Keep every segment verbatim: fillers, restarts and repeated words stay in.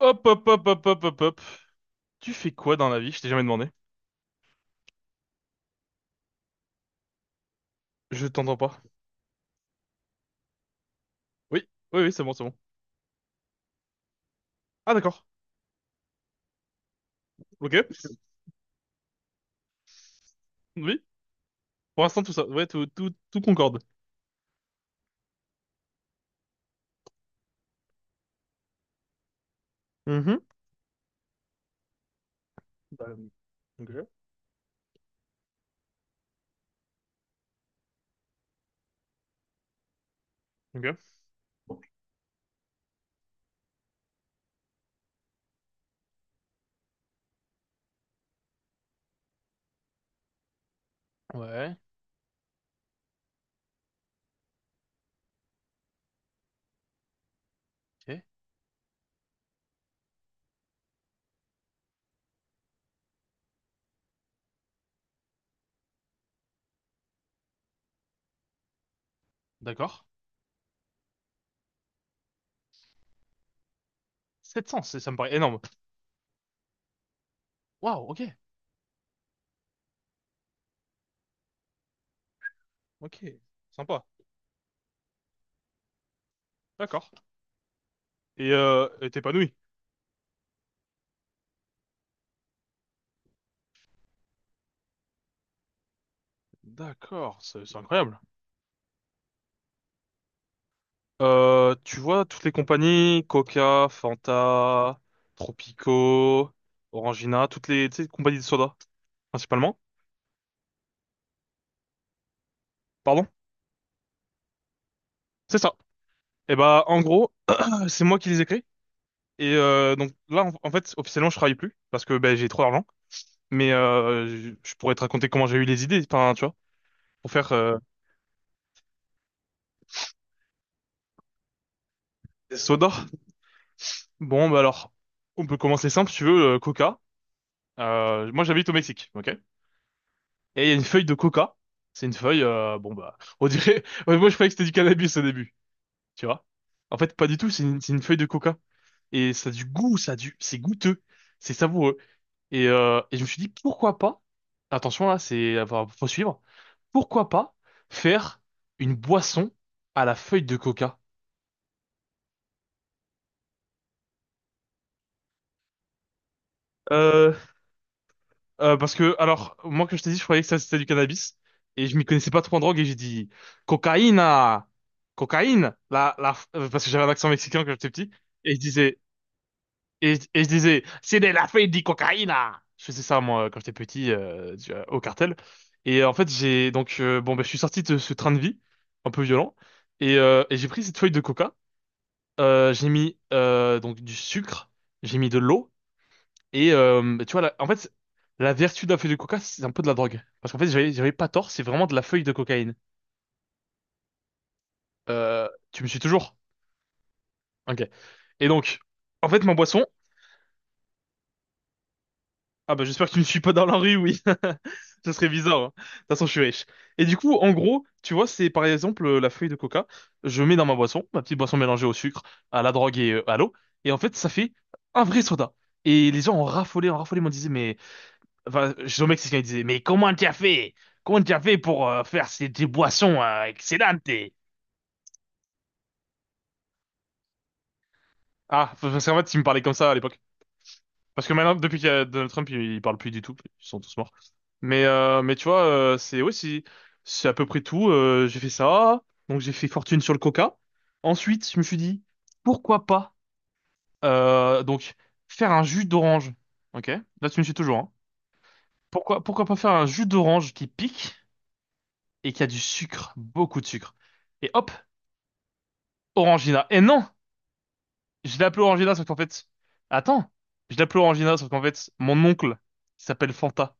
Hop, hop, hop, hop, hop, hop, hop. Tu fais quoi dans la vie? Je t'ai jamais demandé. Je t'entends pas. Oui, oui, oui, c'est bon, c'est bon. Ah, d'accord. Ok. Oui. Pour l'instant, tout ça. Ouais, tout, tout, tout concorde. Mhm. Bah, ok. Ok. Ouais. Ok. D'accord. sept cents, c'est- ça me paraît énorme. Waouh, ok. Ok. Sympa. D'accord. Et euh, et t'épanouis. D'accord, c'est c'est incroyable. Euh, tu vois, toutes les compagnies, Coca, Fanta, Tropico, Orangina, toutes les, tu sais, compagnies de soda, principalement. Pardon? C'est ça. Et bah en gros, euh, c'est moi qui les ai créés. Et euh, donc là, en, en fait, officiellement, je travaille plus parce que ben j'ai trop d'argent. Mais euh, je, je pourrais te raconter comment j'ai eu les idées, enfin, tu vois, pour faire euh, soda. Bon, bah alors, on peut commencer simple, si tu veux, euh, Coca. Euh, moi, j'habite au Mexique, ok? Et il y a une feuille de Coca. C'est une feuille, euh, bon bah, on dirait. Ouais, moi, je croyais que c'était du cannabis au début, tu vois. En fait, pas du tout. C'est une, c'est une feuille de Coca et ça a du goût, ça a du, c'est goûteux, c'est savoureux. Et, euh, et je me suis dit, pourquoi pas, attention là, c'est, enfin, faut suivre, pourquoi pas faire une boisson à la feuille de coca? Euh, euh, parce que, alors, moi, comme je t'ai dit, je croyais que ça c'était du cannabis, et je m'y connaissais pas trop en drogue, et j'ai dit, cocaïne, ah, cocaïne, la, la, euh, parce que j'avais un accent mexicain quand j'étais petit, et je disais, Et, je et je disais, c'est de la feuille de cocaïne! Je faisais ça, moi, quand j'étais petit, euh, tu vois, au cartel. Et euh, en fait, j'ai donc, euh, bon, ben, je suis sorti de ce train de vie, un peu violent, et, euh, et j'ai pris cette feuille de coca. Euh, j'ai mis euh, donc du sucre, j'ai mis de l'eau, et euh, bah, tu vois, la- en fait, la vertu de la feuille de coca, c'est un peu de la drogue. Parce qu'en fait, j'avais j'avais pas tort, c'est vraiment de la feuille de cocaïne. Euh, tu me suis toujours? Ok. Et donc, en fait, ma boisson, ah bah j'espère que tu me suis pas dans la rue, oui. Ce serait bizarre, hein. De toute façon, je suis riche. Et du coup, en gros, tu vois, c'est par exemple euh, la feuille de coca. Je mets dans ma boisson, ma petite boisson mélangée au sucre, à la drogue et euh, à l'eau. Et en fait, ça fait un vrai soda. Et les gens ont raffolé, ont raffolé, m'ont disait, mais... Enfin, je mec, c'est ce qu'ils disaient, mais comment tu as fait? Comment tu as fait pour euh, faire ces, des boissons euh, excellentes? Ah, parce qu'en fait, ils me parlaient comme ça à l'époque. Parce que maintenant, depuis qu'il y a Donald Trump, il, il parle plus du tout. Ils sont tous morts. Mais, euh, mais tu vois, euh, c'est aussi, c'est à peu près tout. Euh, j'ai fait ça. Donc, j'ai fait fortune sur le coca. Ensuite, je me suis dit, pourquoi pas, euh, donc, faire un jus d'orange. Ok? Là, tu me suis toujours, hein. Pourquoi, pourquoi pas faire un jus d'orange qui pique et qui a du sucre, beaucoup de sucre. Et hop, Orangina. Et non! Je l'ai appelé Orangina, sauf qu'en fait, attends. Je l'ai appelé Orangina, sauf qu'en fait, mon oncle, il s'appelle Fanta.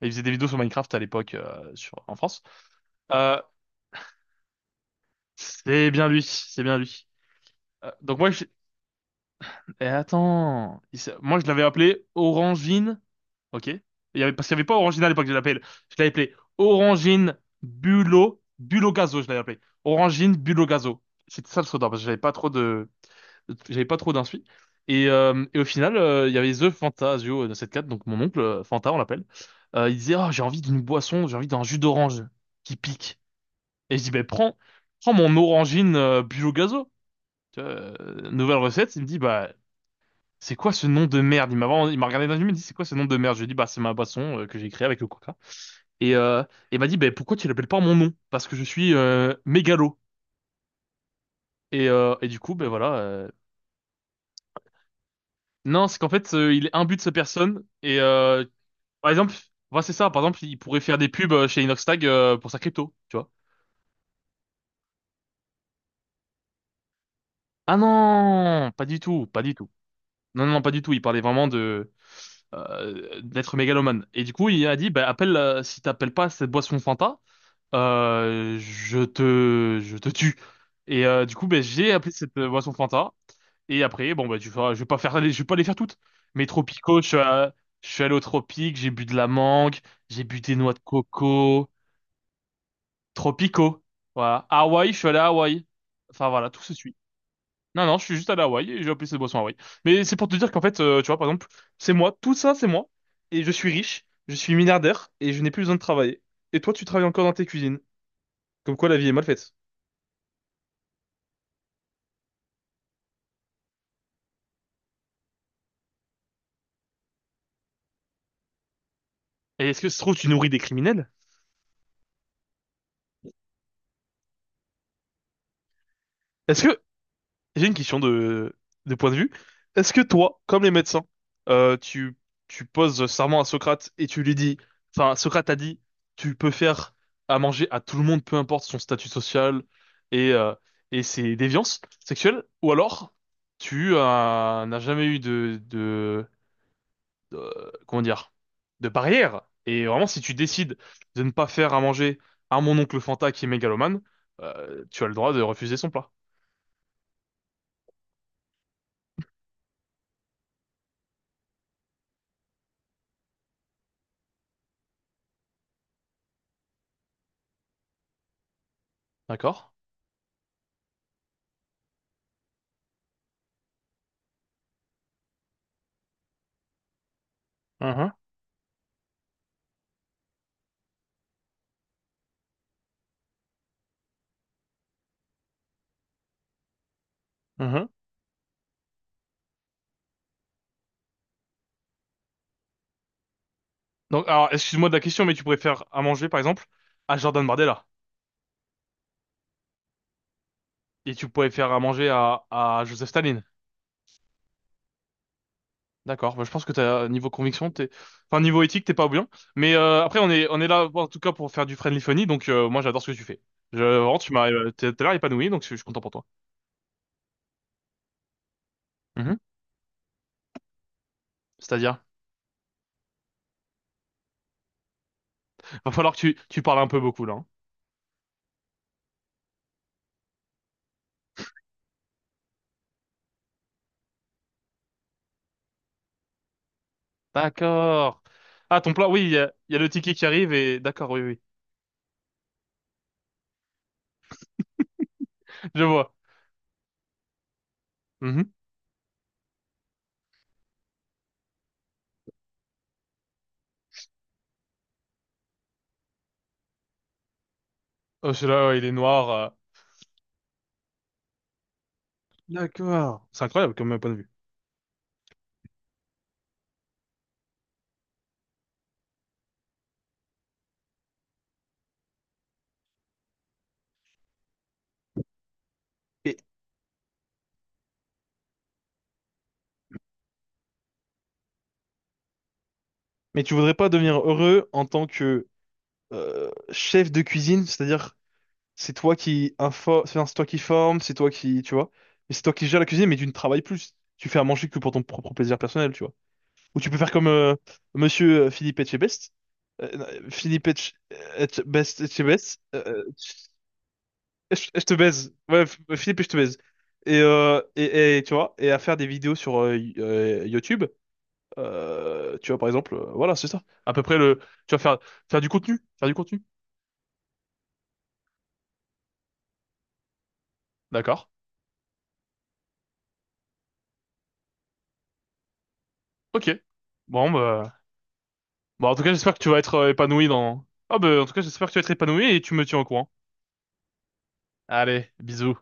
Et il faisait des vidéos sur Minecraft à l'époque euh, sur en France. Euh, c'est bien lui, c'est bien lui. Euh, donc moi, je... eh, attends, Il s'est- moi je l'avais appelé Orangine, ok. Il y avait parce qu'il y avait pas Orangina à l'époque, je l'appelle. Je l'avais appelé Orangine Bulo Bulo Gazo, je l'avais appelé Orangine Bulo Gazo. C'était ça le pseudo parce que j'avais pas trop de j'avais pas trop d'insuits. Et, euh, et au final, euh, il y avait The Fantasio dans cette carte, donc mon oncle euh, Fanta, on l'appelle. Euh, il disait, oh, j'ai envie d'une boisson, j'ai envie d'un jus d'orange qui pique. Et je dis, ben prends, prends mon orangine euh, bio gazo. Tu vois, euh, nouvelle recette. Il me dit, bah, c'est quoi ce nom de merde? Il m'a vraiment- il m'a regardé dans les yeux, il me dit, c'est quoi ce nom de merde? Je lui ai dit, bah, c'est ma boisson euh, que j'ai créée avec le coca. Et euh, il m'a dit, ben pourquoi tu l'appelles pas mon nom? Parce que je suis euh, mégalo. Et, euh, et du coup, ben voilà. euh, Non, c'est qu'en fait, euh, il est imbu de sa personne. Et euh, par exemple, voilà, c'est ça. Par exemple, il pourrait faire des pubs euh, chez Inoxtag euh, pour sa crypto, tu vois. Ah non, pas du tout, pas du tout. Non, non, non pas du tout. Il parlait vraiment de euh, d'être mégalomane. Et du coup, il a dit, bah, appelle, euh, si t'appelles pas cette boisson Fanta, euh, je te, je te tue. Et euh, du coup, ben j'ai appelé cette euh, boisson Fanta. Et après, bon, bah, tu vois, je vais pas faire, les- je vais pas les faire toutes. Mais Tropico, je suis, à- je suis allé au Tropique, j'ai bu de la mangue, j'ai bu des noix de coco. Tropico. Voilà. Hawaï, je suis allé à Hawaï. Enfin, voilà, tout se suit. Non, non, je suis juste allé à Hawaï et j'ai appelé cette boisson Hawaï. Mais c'est pour te dire qu'en fait, euh, tu vois, par exemple, c'est moi, tout ça, c'est moi. Et je suis riche, je suis milliardaire et je n'ai plus besoin de travailler. Et toi, tu travailles encore dans tes cuisines. Comme quoi, la vie est mal faite. Et est-ce que ça se trouve, tu nourris des criminels? Est-ce que, J'ai une question de, de point de vue. Est-ce que toi, comme les médecins, euh, tu, tu poses serment à Socrate et tu lui dis, enfin, Socrate a dit, tu peux faire à manger à tout le monde, peu importe son statut social et, euh, et ses déviances sexuelles, ou alors tu euh, n'as jamais eu de, de, de- comment dire, de barrière. Et vraiment, si tu décides de ne pas faire à manger à mon oncle Fanta qui est mégalomane, euh, tu as le droit de refuser son plat. D'accord? Mhm, mhm. Donc, alors, excuse-moi de la question, mais tu pourrais faire à manger, par exemple, à Jordan Bardella. Et tu pourrais faire à manger à, à Joseph Staline. D'accord. Bah, je pense que t'as, niveau conviction, t'es, enfin, niveau éthique, t'es pas oubliant. Mais, euh, après, on est, on est là, en tout cas, pour faire du friendly funny. Donc, euh, moi, j'adore ce que tu fais. Je, vraiment, tu m'as, euh, t'es- t'as l'air épanoui, donc je suis content pour toi. Mhm. C'est-à-dire, va falloir que tu, tu parles un peu beaucoup, là, hein. D'accord. Ah, ton plat, oui, il y a, il y a le ticket qui arrive et, d'accord, oui, oui. Je vois. Mhm. Oh, celui-là, ouais, il est noir. euh. D'accord. C'est incroyable comme point de vue. Mais tu voudrais pas devenir heureux en tant que euh, chef de cuisine, c'est-à-dire c'est toi qui info, enfin, c'est toi qui forme, c'est toi qui, tu vois, mais c'est toi qui gère la cuisine, mais tu ne travailles plus. Tu fais à manger que pour ton propre plaisir personnel, tu vois. Ou tu peux faire comme euh, Monsieur euh, Philippe Etchebest. Euh, non, Philippe Etche- Etchebest, Etchebest, euh, Etche- je te baise. Ouais, F- Philippe, je te baise. Et, euh, et, et, tu vois, et à faire des vidéos sur euh, y- euh, YouTube euh, tu vois, par exemple, euh, voilà, c'est ça. À peu près le. Tu vas faire faire du contenu, faire du contenu. D'accord. Ok. Bon, bah... bon, en tout cas, j'espère que tu vas être euh, épanoui dans. Ah, bah, en tout cas, j'espère que tu vas être épanoui et tu me tiens au courant. Allez, bisous.